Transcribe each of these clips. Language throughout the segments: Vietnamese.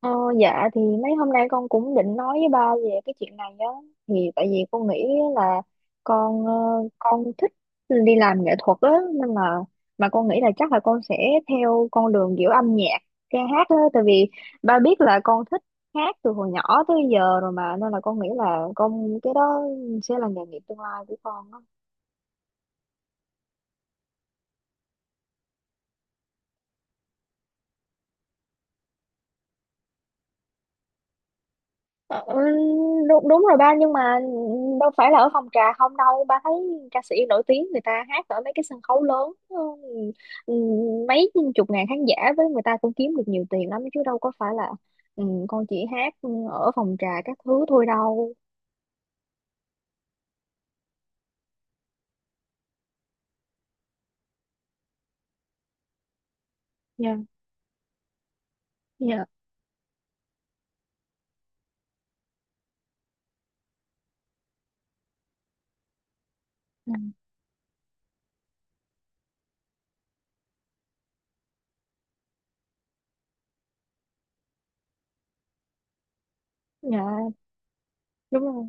Ờ, dạ thì mấy hôm nay con cũng định nói với ba về cái chuyện này á, thì tại vì con nghĩ là con con thích đi làm nghệ thuật á nên là mà con nghĩ là chắc là con sẽ theo con đường kiểu âm nhạc ca hát á, tại vì ba biết là con thích hát từ hồi nhỏ tới giờ rồi mà, nên là con nghĩ là con cái đó sẽ là nghề nghiệp tương lai của con á. Ờ, đúng đúng rồi ba, nhưng mà đâu phải là ở phòng trà không đâu, ba thấy ca sĩ nổi tiếng người ta hát ở mấy cái sân khấu lớn, ừ, ừ, mấy chục ngàn khán giả với người ta cũng kiếm được nhiều tiền lắm chứ đâu có phải là con chỉ hát ở phòng trà các thứ thôi đâu. Dạ, dạ, ừ, dạ đúng rồi.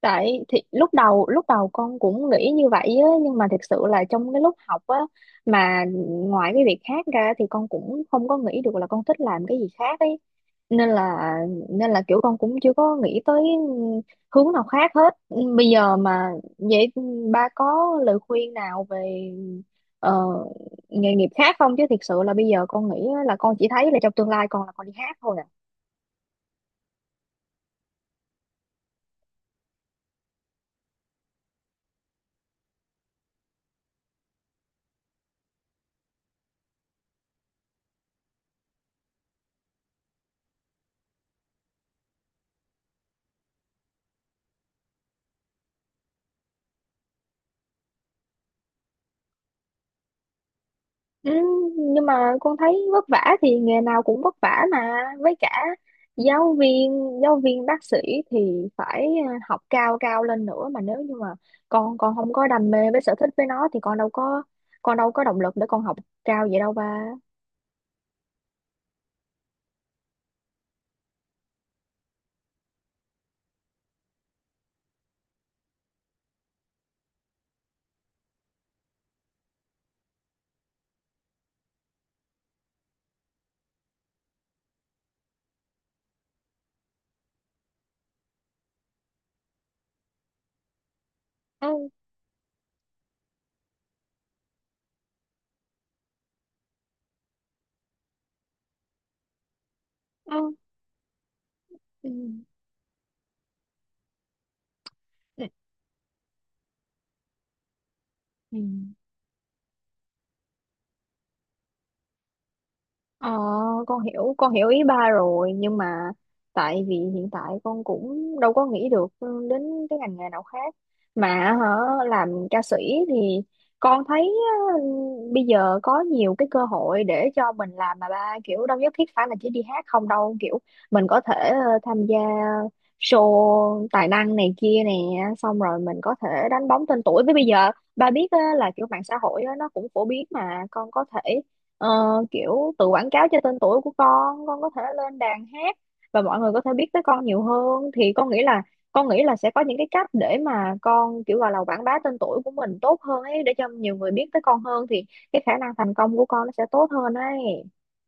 Tại thì lúc đầu con cũng nghĩ như vậy á, nhưng mà thực sự là trong cái lúc học á mà ngoài cái việc khác ra thì con cũng không có nghĩ được là con thích làm cái gì khác ấy, nên là kiểu con cũng chưa có nghĩ tới hướng nào khác hết bây giờ mà. Vậy ba có lời khuyên nào về ờ, nghề nghiệp khác không, chứ thực sự là bây giờ con nghĩ á là con chỉ thấy là trong tương lai con là con đi hát thôi à. Ừ, nhưng mà con thấy vất vả thì nghề nào cũng vất vả mà, với cả giáo viên giáo viên bác sĩ thì phải học cao cao lên nữa, mà nếu như mà con không có đam mê với sở thích với nó thì con đâu có động lực để con học cao vậy đâu ba. Ừ, ừ, ừ, ừ. Ờ, con hiểu ý ba rồi, nhưng mà tại vì hiện tại con cũng đâu có nghĩ được ừ, đến cái ngành nghề nào khác mà hả. Làm ca sĩ thì con thấy ừ, bây giờ có nhiều cái cơ hội để cho mình làm mà ba, kiểu đâu nhất thiết phải là chỉ đi hát không đâu, kiểu mình có thể tham gia show tài năng này kia nè, xong rồi mình có thể đánh bóng tên tuổi, với bây giờ ba biết á, là kiểu mạng xã hội á, nó cũng phổ biến mà con có thể Ờ, kiểu tự quảng cáo cho tên tuổi của con có thể lên đàn hát và mọi người có thể biết tới con nhiều hơn, thì con nghĩ là sẽ có những cái cách để mà con kiểu gọi là quảng bá tên tuổi của mình tốt hơn ấy, để cho nhiều người biết tới con hơn, thì cái khả năng thành công của con nó sẽ tốt hơn ấy,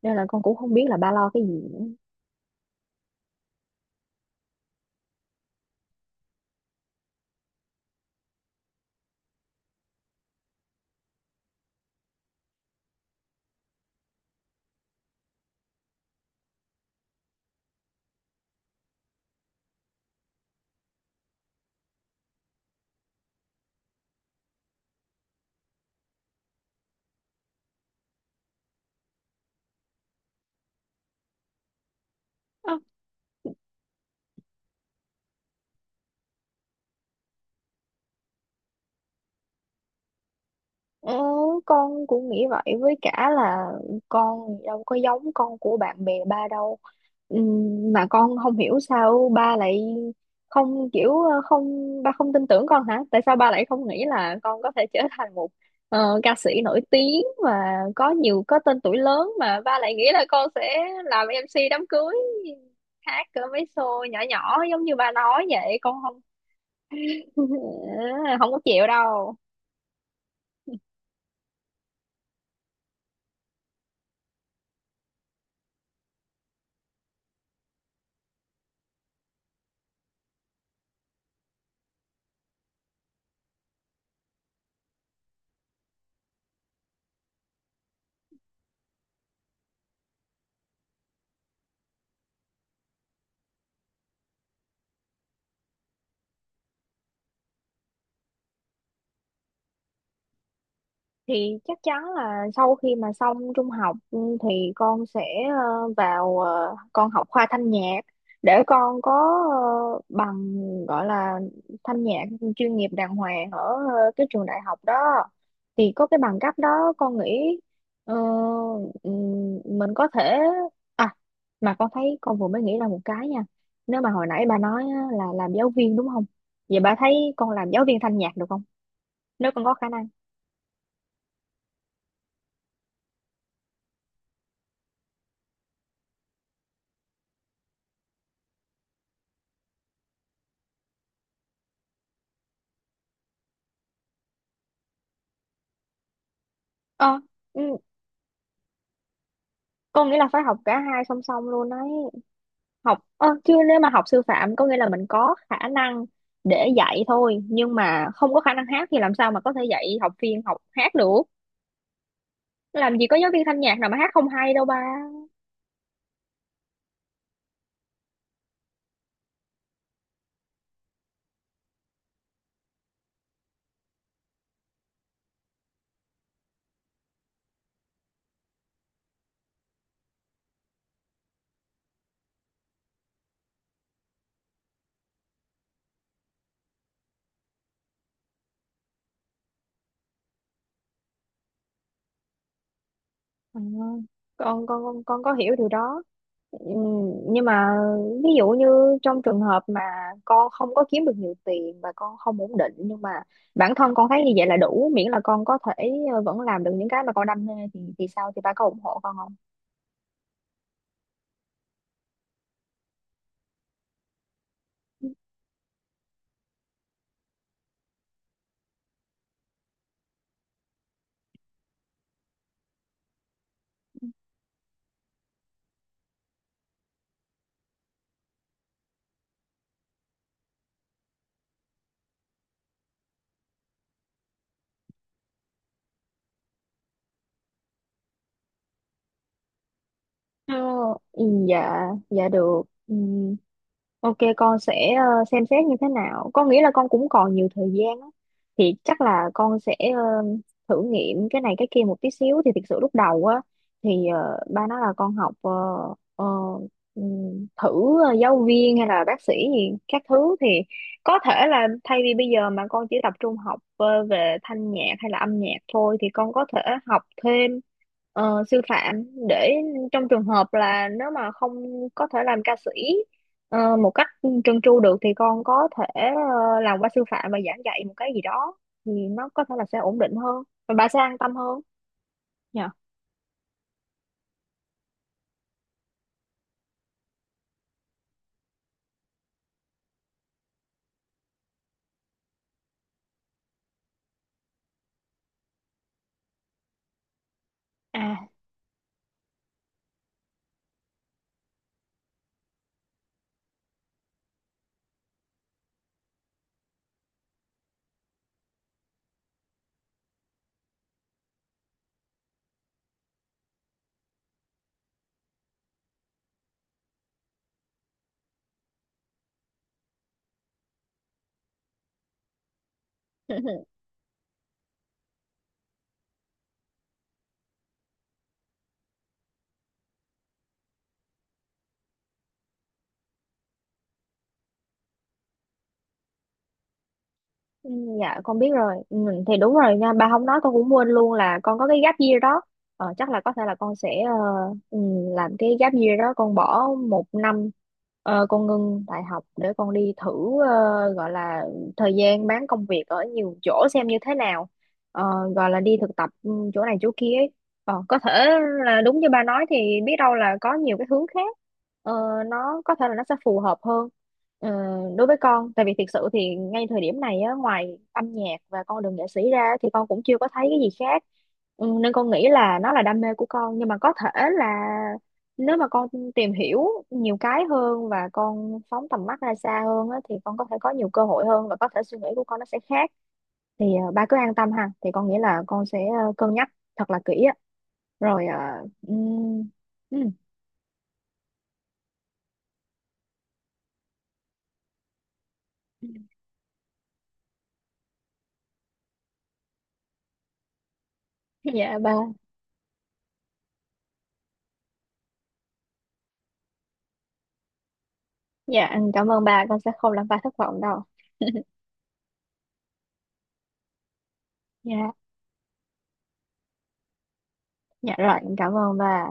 nên là con cũng không biết là ba lo cái gì nữa. Ừ, con cũng nghĩ vậy, với cả là con đâu có giống con của bạn bè ba đâu. Mà con không hiểu sao ba lại không, kiểu ờ, không ba không tin tưởng con hả? Tại sao ba lại không nghĩ là con có thể trở thành một ca sĩ nổi tiếng và có tên tuổi lớn, mà ba lại nghĩ là con sẽ làm em MC đám cưới, hát cỡ mấy show nhỏ nhỏ giống như ba nói vậy? Con không không có chịu đâu. Thì chắc chắn là sau khi mà xong trung học ừ, thì con sẽ vào con học khoa thanh nhạc để con có bằng gọi là thanh nhạc chuyên nghiệp đàng hoàng ở cái trường đại học đó, thì có cái bằng cấp đó con nghĩ ờ, mình có thể à. Mà con thấy con vừa mới nghĩ ra một cái nha, nếu mà hồi nãy bà nói á, là làm giáo viên đúng không, vậy bà thấy con làm giáo viên thanh nhạc được không, nếu con có khả năng. Ờ, ừ, có nghĩa là phải học cả hai song song luôn đấy. Học ơ, chứ nếu mà học sư phạm có nghĩa là mình có khả năng để dạy thôi, nhưng mà không có khả năng hát thì làm sao mà có thể dạy học viên học hát được. Làm gì có giáo viên thanh nhạc nào mà hát không hay đâu ba. À, con có hiểu điều đó. Nhưng mà ví dụ như trong trường hợp mà con không có kiếm được nhiều tiền và con không ổn định, nhưng mà bản thân con thấy như vậy là đủ, miễn là con có thể vẫn làm được những cái mà con đam mê thì sao, thì ba có ủng hộ con không? Ờ, ừ, dạ dạ được, ừ, ok con sẽ xem xét như thế nào. Con nghĩ là con cũng còn nhiều thời gian á. Thì chắc là con sẽ thử nghiệm cái này cái kia một tí xíu. Thì thực sự lúc đầu á thì ba nói là con học ờ, thử giáo viên hay là bác sĩ gì các thứ, thì có thể là thay vì bây giờ mà con chỉ tập trung học về thanh nhạc hay là âm nhạc thôi, thì con có thể học thêm sư phạm, để trong trường hợp là nếu mà không có thể làm ca sĩ một cách trơn tru được, thì con có thể làm qua sư phạm và giảng dạy một cái gì đó, thì nó có thể là sẽ ổn định hơn và bà sẽ an tâm hơn nhờ à. Ừ, dạ con biết rồi, ừ, thì đúng rồi nha, bà không nói con cũng quên luôn là con có cái gap year đó. Ờ, chắc là có thể là con sẽ ừ, làm cái gap year đó, con bỏ một năm, con ngưng đại học để con đi thử gọi là thời gian bán công việc ở nhiều chỗ xem như thế nào. Ờ, gọi là đi thực tập ừ, chỗ này chỗ kia ấy. Ờ, có thể là đúng như ba nói, thì biết đâu là có nhiều cái hướng khác ờ, nó có thể là nó sẽ phù hợp hơn ờ, đối với con, tại vì thực sự thì ngay thời điểm này á, ngoài âm nhạc và con đường nghệ sĩ ra thì con cũng chưa có thấy cái gì khác, ừ, nên con nghĩ là nó là đam mê của con, nhưng mà có thể là nếu mà con tìm hiểu nhiều cái hơn và con phóng tầm mắt ra xa hơn á, thì con có thể có nhiều cơ hội hơn và có thể suy nghĩ của con nó sẽ khác, thì ba cứ an tâm ha, thì con nghĩ là con sẽ cân nhắc thật là kỹ á rồi à, ừm, ừm. Dạ ba. Dạ em cảm ơn ba, con sẽ không làm ba thất vọng đâu. Dạ. Dạ rồi em cảm ơn ba.